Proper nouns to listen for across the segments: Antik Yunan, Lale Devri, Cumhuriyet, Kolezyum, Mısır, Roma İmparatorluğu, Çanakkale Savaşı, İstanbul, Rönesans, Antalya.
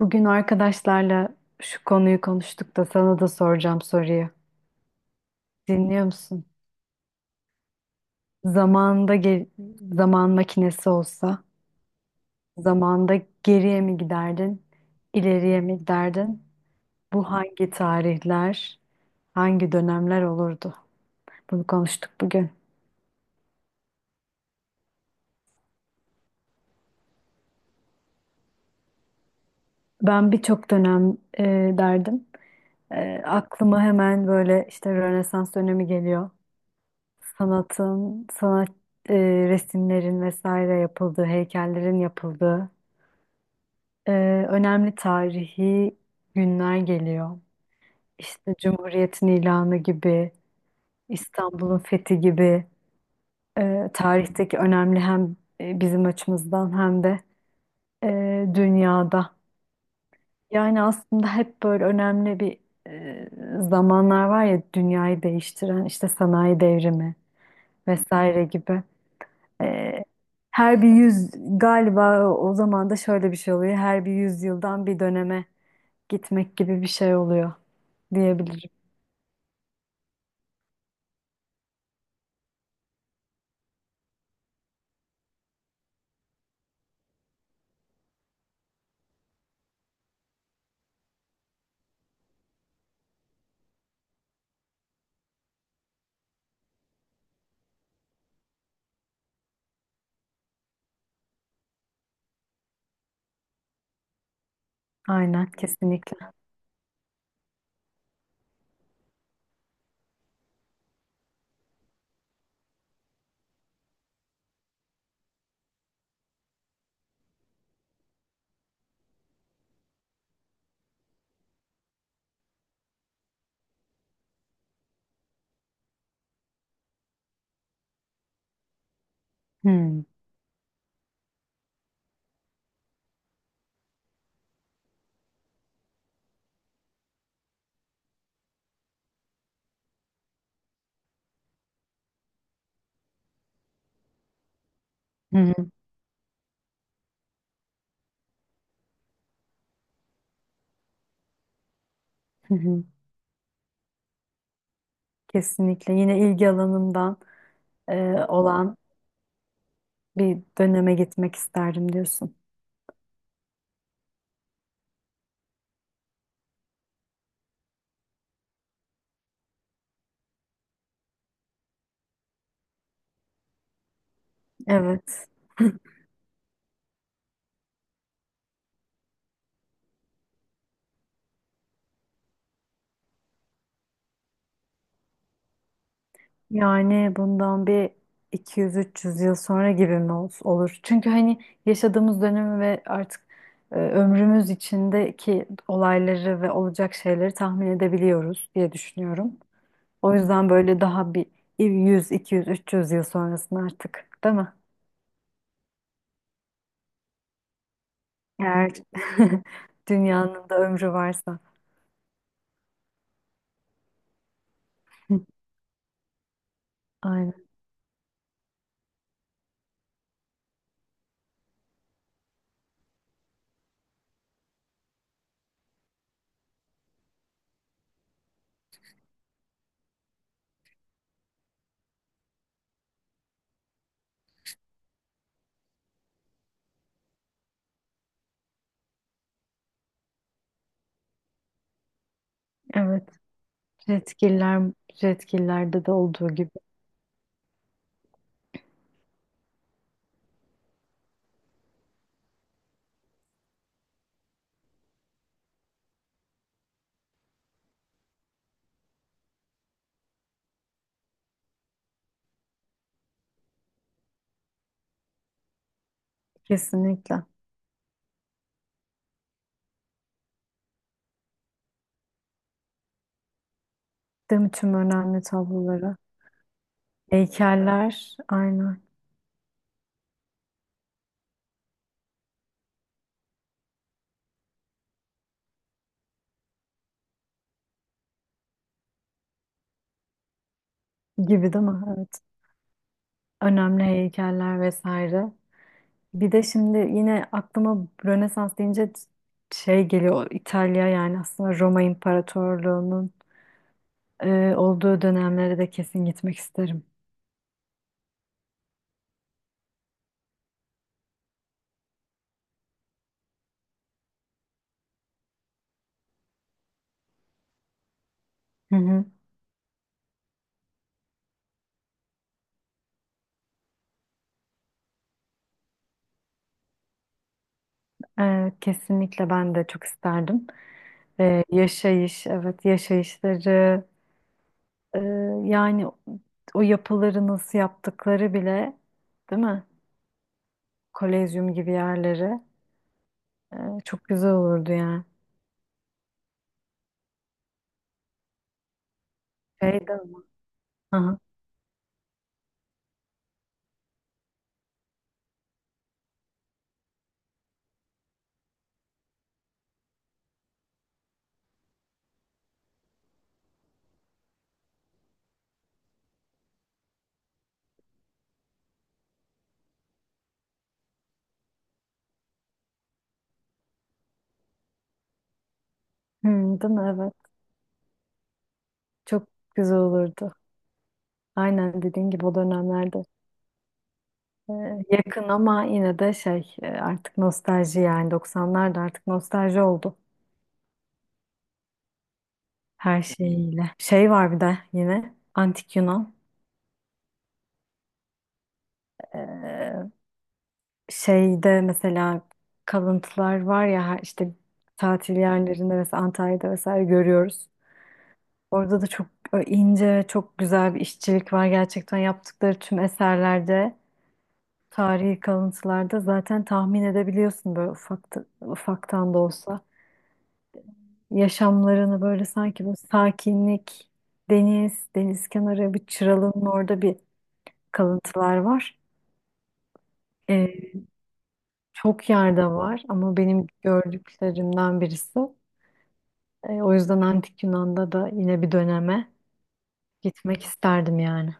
Bugün arkadaşlarla şu konuyu konuştuk da sana da soracağım soruyu. Dinliyor musun? Zamanında ge- Zaman makinesi olsa, zamanda geriye mi giderdin, ileriye mi giderdin? Bu hangi tarihler, hangi dönemler olurdu? Bunu konuştuk bugün. Ben birçok dönem derdim. Aklıma hemen böyle işte Rönesans dönemi geliyor. Sanatın, sanat e, resimlerin vesaire yapıldığı, heykellerin yapıldığı Ee, önemli tarihi günler geliyor. İşte Cumhuriyet'in ilanı gibi, İstanbul'un fethi gibi tarihteki önemli hem bizim açımızdan hem de dünyada. Yani aslında hep böyle önemli bir e, zamanlar var ya dünyayı değiştiren işte sanayi devrimi vesaire gibi. E, Her bir yüz galiba o zaman da şöyle bir şey oluyor. Her bir yüzyıldan bir döneme gitmek gibi bir şey oluyor diyebilirim. Aynen kesinlikle. Hmm. Hı hı, hı hı. Kesinlikle yine ilgi alanımdan olan bir döneme gitmek isterdim diyorsun. Evet. Yani bundan bir 200-300 yıl sonra gibi mi olur? Çünkü hani yaşadığımız dönemi ve artık ömrümüz içindeki olayları ve olacak şeyleri tahmin edebiliyoruz diye düşünüyorum. O yüzden böyle daha bir 100, 200, 300 yıl sonrasında artık, değil mi? Eğer dünyanın da ömrü varsa. Aynen. Evet. Jetgiller, jetgillerde de olduğu gibi. Kesinlikle. Değil mi? Tüm önemli tabloları. Heykeller aynen gibi değil mi? Evet. Önemli heykeller vesaire. Bir de şimdi yine aklıma Rönesans deyince şey geliyor. İtalya yani aslında Roma İmparatorluğu'nun olduğu dönemlere de kesin gitmek isterim. Hı hı. Kesinlikle ben de çok isterdim. Yaşayış, evet yaşayışları, e, yani o yapıları nasıl yaptıkları bile, değil mi? Kolezyum gibi yerleri e, çok güzel olurdu yani. Şey değil mi? Hı hı. Hı, değil mi? Evet. Çok güzel olurdu. Aynen dediğin gibi o dönemlerde. e, Yakın ama yine de şey artık nostalji yani 90'lar da artık nostalji oldu. Her şeyiyle. Şey var bir de yine antik Yunan. Ee, şeyde mesela kalıntılar var ya her- işte tatil yerlerinde mesela Antalya'da vesaire görüyoruz. Orada da çok ince, çok güzel bir işçilik var. Gerçekten yaptıkları tüm eserlerde, tarihi kalıntılarda zaten tahmin edebiliyorsun böyle ufak, ufaktan da olsa. Yaşamlarını böyle sanki bu sakinlik, deniz, deniz kenarı bir çıralının orada bir kalıntılar var. Ee, Çok yerde var ama benim gördüklerimden birisi. O yüzden Antik Yunan'da da yine bir döneme gitmek isterdim yani.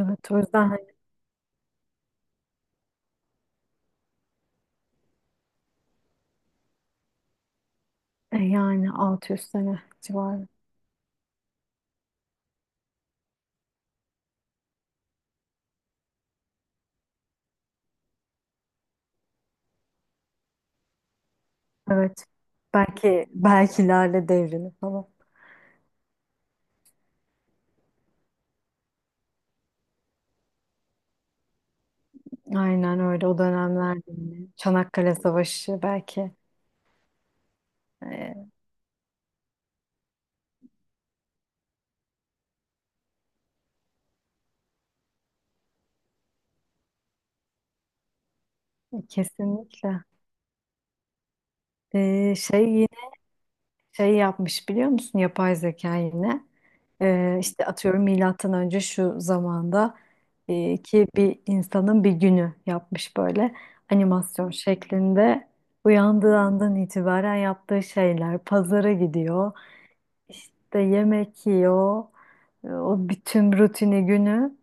Evet o yüzden hani, yani 600 sene civarı. Evet. Belki belki Lale Devri'ni falan. Aynen öyle o dönemlerde yine. Çanakkale Savaşı belki. E, kesinlikle. Şey şey yapmış biliyor musun yapay zeka yine işte atıyorum milattan önce şu zamanda ki bir insanın bir günü yapmış böyle animasyon şeklinde uyandığı andan itibaren yaptığı şeyler pazara gidiyor işte yemek yiyor o bütün rutini günü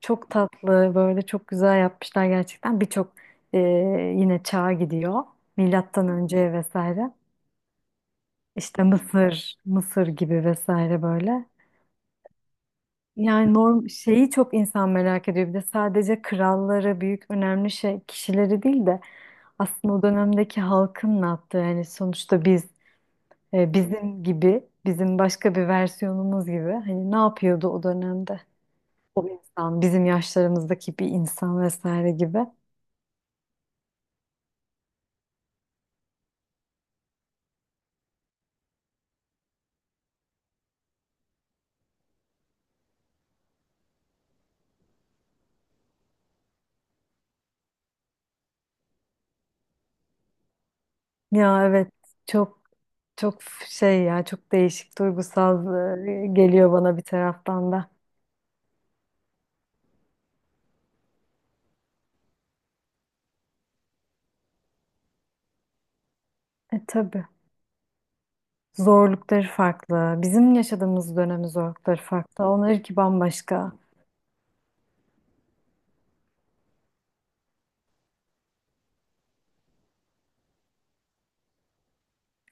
çok tatlı böyle çok güzel yapmışlar gerçekten birçok e, yine çağa gidiyor milattan önce vesaire. İşte Mısır gibi vesaire böyle. Yani norm şeyi çok insan merak ediyor. Bir de sadece kralları, büyük önemli şey kişileri değil de aslında o dönemdeki halkın ne yaptığı. Yani sonuçta biz bizim gibi, bizim başka bir versiyonumuz gibi hani ne yapıyordu o dönemde o insan, bizim yaşlarımızdaki bir insan vesaire gibi. Ya evet çok çok şey ya çok değişik duygusal geliyor bana bir taraftan da. E tabii. Zorlukları farklı. Bizim yaşadığımız dönemin zorlukları farklı. Onlarınki bambaşka.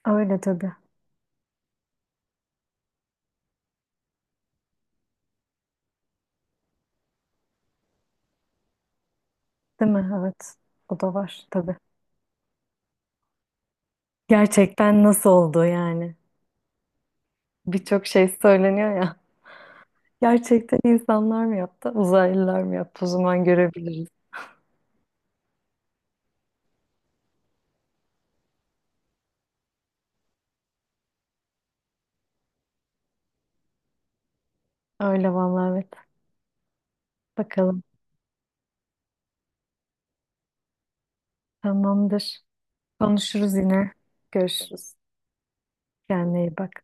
Öyle tabii. Değil mi? Evet. O da var tabii. Gerçekten nasıl oldu yani? Birçok şey söyleniyor ya. Gerçekten insanlar mı yaptı? Uzaylılar mı yaptı? O zaman görebiliriz. Öyle vallahi evet. Bakalım. Tamamdır. Konuşuruz yine. Görüşürüz. Kendine iyi bak.